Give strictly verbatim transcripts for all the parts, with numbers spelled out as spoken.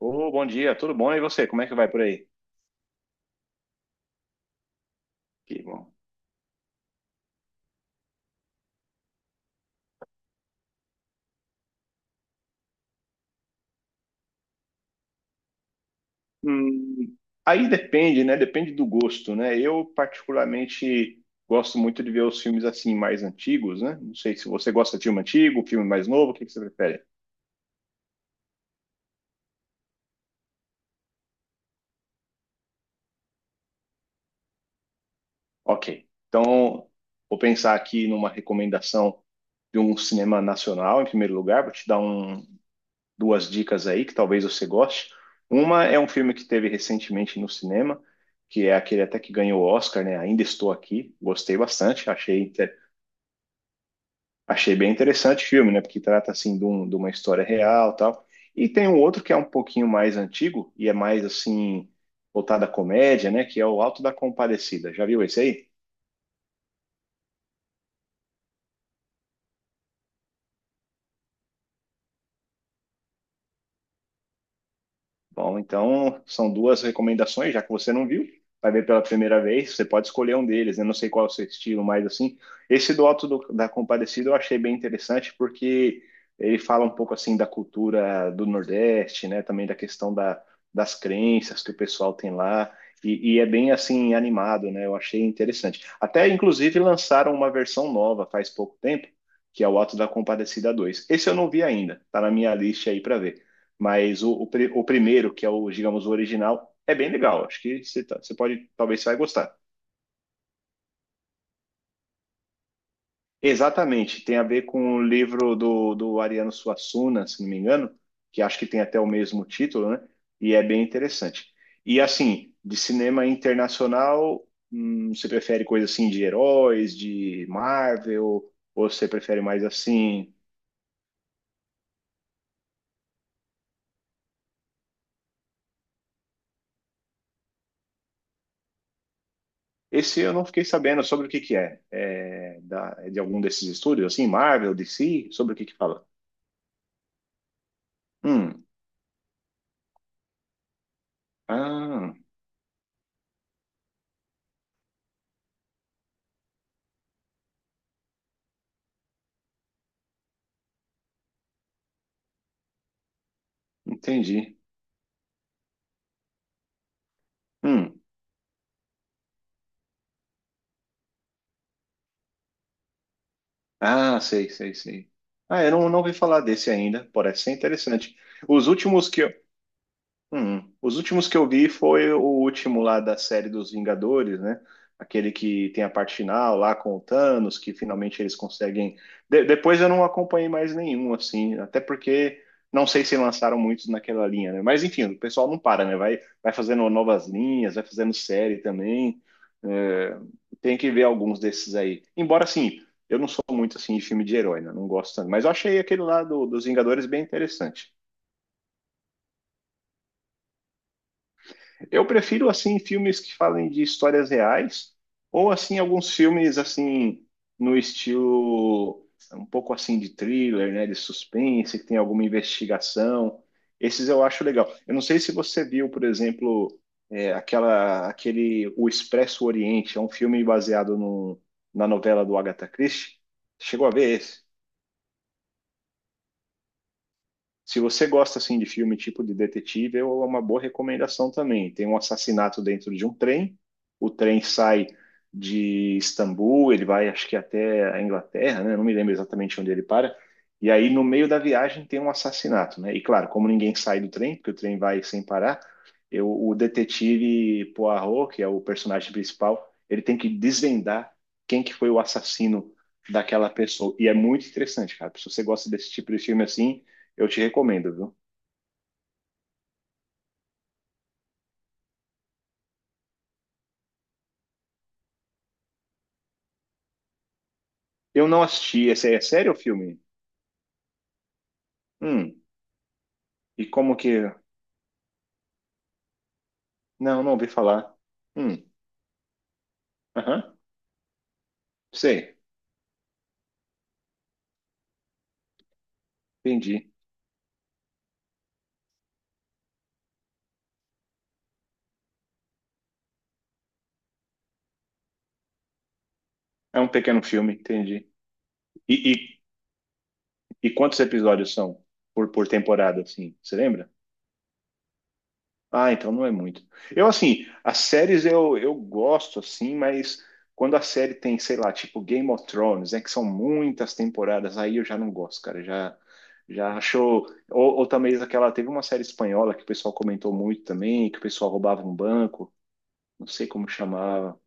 Ô, bom dia, tudo bom? E você, como é que vai por aí? Que bom. Hum, aí depende, né? Depende do gosto, né? Eu particularmente gosto muito de ver os filmes assim mais antigos, né? Não sei se você gosta de filme antigo, filme mais novo, o que que você prefere? Ok. Então, vou pensar aqui numa recomendação de um cinema nacional, em primeiro lugar, vou te dar um, duas dicas aí que talvez você goste. Uma é um filme que teve recentemente no cinema, que é aquele até que ganhou o Oscar, né? Ainda Estou Aqui. Gostei bastante, achei, inter- achei bem interessante o filme, né? Porque trata assim de, um- de uma história real, tal. E tem um outro que é um pouquinho mais antigo e é mais assim voltado à comédia, né? Que é o Alto da Compadecida. Já viu esse aí? Bom, então são duas recomendações, já que você não viu, vai ver pela primeira vez, você pode escolher um deles, eu não sei qual é o seu estilo, mas assim, esse do Alto do- da Compadecida eu achei bem interessante porque ele fala um pouco assim da cultura do Nordeste, né, também da questão da, das crenças que o pessoal tem lá, e, e é bem assim animado, né, eu achei interessante. Até inclusive lançaram uma versão nova faz pouco tempo, que é o Alto da Compadecida dois. Esse eu não vi ainda, tá na minha lista aí para ver. Mas o, o, pri- o primeiro, que é o, digamos, o original, é bem legal. Acho que você, tá- você pode, talvez você vai gostar. Exatamente, tem a ver com o livro do, do Ariano Suassuna, se não me engano, que acho que tem até o mesmo título, né? E é bem interessante. E assim, de cinema internacional, hum, você prefere coisa assim de heróis, de Marvel, ou você prefere mais assim? Esse eu não fiquei sabendo sobre o que que é. É, da, é de algum desses estúdios, assim, Marvel, D C, sobre o que que fala? Hum. Ah, entendi. Hum. Ah, sei, sei, sei. Ah, eu não, não ouvi falar desse ainda. Parece ser interessante. Os últimos que Hum. Os últimos que eu vi foi o último lá da série dos Vingadores, né? Aquele que tem a parte final lá com o Thanos, que finalmente eles conseguem. De- depois eu não acompanhei mais nenhum, assim, até porque não sei se lançaram muitos naquela linha, né? Mas enfim, o pessoal não para, né? Vai, vai fazendo novas linhas, vai fazendo série também. É, tem que ver alguns desses aí. Embora, assim, eu não sou muito assim de filme de herói, né? Não gosto tanto. Mas eu achei aquele lá do, dos Vingadores bem interessante. Eu prefiro assim filmes que falem de histórias reais ou assim alguns filmes assim no estilo um pouco assim de thriller, né, de suspense, que tem alguma investigação. Esses eu acho legal. Eu não sei se você viu, por exemplo, é, aquela aquele O Expresso Oriente, é um filme baseado no, na novela do Agatha Christie. Chegou a ver esse? Se você gosta assim de filme tipo de detetive, é uma boa recomendação também. Tem um assassinato dentro de um trem. O trem sai de Istambul, ele vai acho que até a Inglaterra, né? Não me lembro exatamente onde ele para. E aí no meio da viagem tem um assassinato, né? E claro, como ninguém sai do trem, porque o trem vai sem parar, eu- o detetive Poirot, que é o personagem principal, ele tem que desvendar quem que foi o assassino daquela pessoa. E é muito interessante, cara. Se você gosta desse tipo de filme assim, eu te recomendo, viu? Eu não assisti. Esse aí é sério o filme? Hum. E como que. Não, não ouvi falar. Hum. Aham. Sei. Entendi. É um pequeno filme, entendi. E, e, e quantos episódios são por, por temporada, assim? Você lembra? Ah, então não é muito. Eu, assim, as séries eu, eu, gosto, assim, mas quando a série tem, sei lá, tipo Game of Thrones, né, que são muitas temporadas, aí eu já não gosto, cara, já, já achou... Ou, ou também aquela, teve uma série espanhola que o pessoal comentou muito também, que o pessoal roubava um banco, não sei como chamava.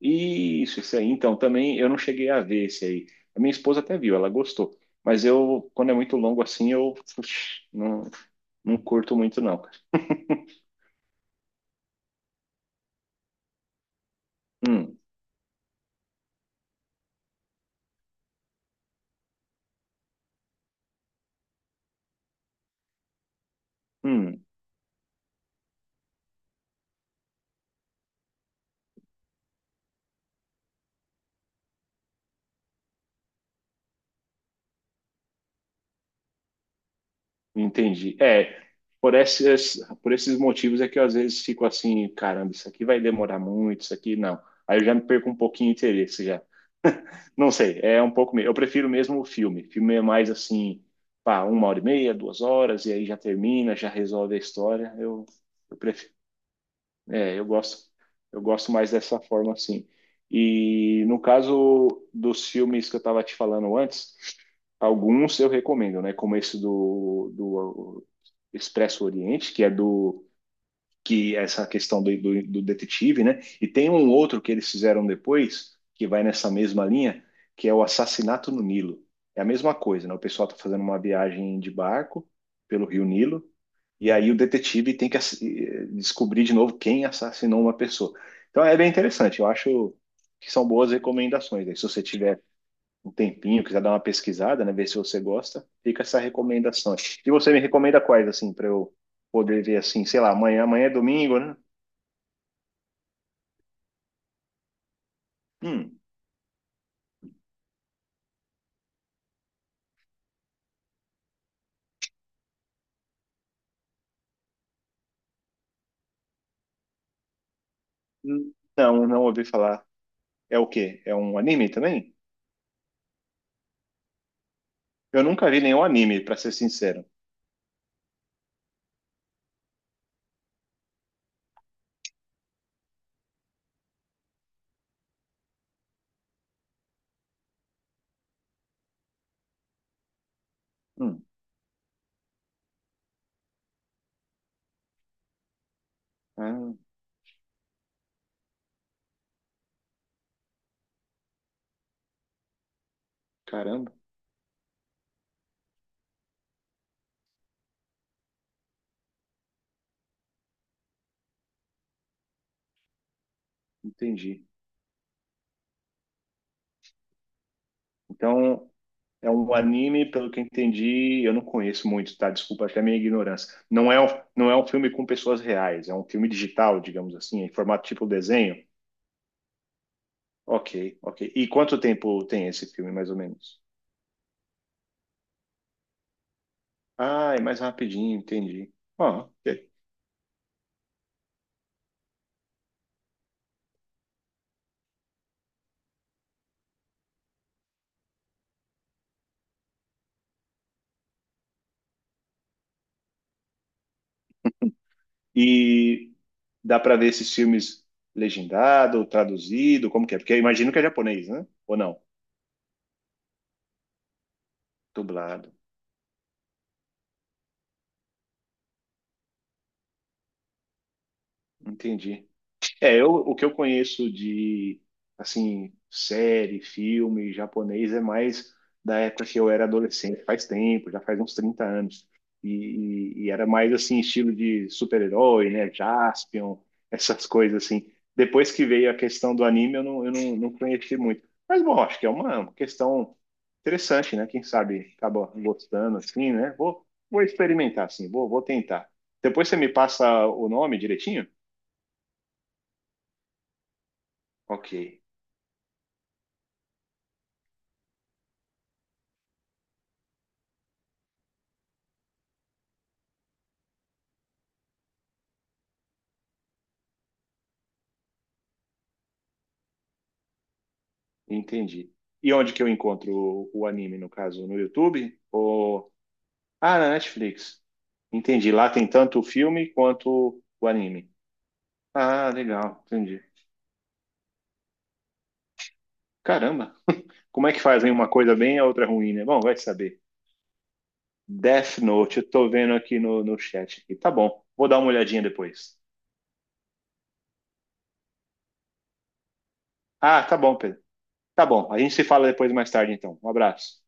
Isso, isso aí. Então, também eu não cheguei a ver esse aí. A minha esposa até viu, ela gostou. Mas eu, quando é muito longo assim, eu puxa, não, não curto muito, não. Hum, hum. Entendi. É, por esses, por esses motivos é que eu às vezes fico assim, caramba, isso aqui vai demorar muito, isso aqui não. Aí eu já me perco um pouquinho de interesse já. Não sei, é um pouco. me- Eu prefiro mesmo o filme. Filme é mais assim, pá, uma hora e meia, duas horas, e aí já termina, já resolve a história. Eu, eu é, eu gosto, eu gosto mais dessa forma assim. E no caso dos filmes que eu estava te falando antes, alguns eu recomendo, né? Como esse do, do Expresso Oriente, que é do que essa questão do, do, do detetive, né? E tem um outro que eles fizeram depois, que vai nessa mesma linha, que é o Assassinato no Nilo. É a mesma coisa, né? O pessoal está fazendo uma viagem de barco pelo Rio Nilo, e aí o detetive tem que ass- eh, descobrir de novo quem assassinou uma pessoa. Então é bem interessante, eu acho que são boas recomendações, né? Se você tiver um tempinho, quiser dar uma pesquisada, né, ver se você gosta, fica essa recomendação. E você me recomenda quais, assim, para eu poder ver, assim, sei lá, amanhã. Amanhã é domingo, né? Hum, não, não ouvi falar. É o quê? É um anime também? Eu nunca vi nenhum anime, para ser sincero. Hum, ah, caramba, entendi. Então, é um anime, pelo que eu entendi, eu não conheço muito, tá? Desculpa até a minha ignorância. Não é um, não é um filme com pessoas reais, é um filme digital, digamos assim, em formato tipo desenho. Ok, ok. E quanto tempo tem esse filme, mais ou menos? Ah, é mais rapidinho, entendi. Ó, ok. E dá pra ver esses filmes legendado, traduzido, como que é? Porque eu imagino que é japonês, né? Ou não? Dublado. Entendi. É, eu, o que eu conheço de, assim, série, filme japonês é mais da época que eu era adolescente, faz tempo, já faz uns trinta anos. E, e- e era mais, assim, estilo de super-herói, né? Jaspion, essas coisas, assim. Depois que veio a questão do anime, eu não, eu não, não conheci muito. Mas, bom, acho que é uma questão interessante, né? Quem sabe acaba gostando, assim, né? Vou, vou experimentar, assim, vou, vou tentar. Depois você me passa o nome direitinho? Ok, entendi. E onde que eu encontro o, o anime, no caso? No YouTube? Ou... Ah, na Netflix. Entendi. Lá tem tanto o filme quanto o anime. Ah, legal, entendi. Caramba, como é que fazem uma coisa bem e a outra ruim, né? Bom, vai saber. Death Note, eu tô vendo aqui no, no chat aqui. Tá bom, vou dar uma olhadinha depois. Ah, tá bom, Pedro. Tá bom, a gente se fala depois mais tarde, então. Um abraço.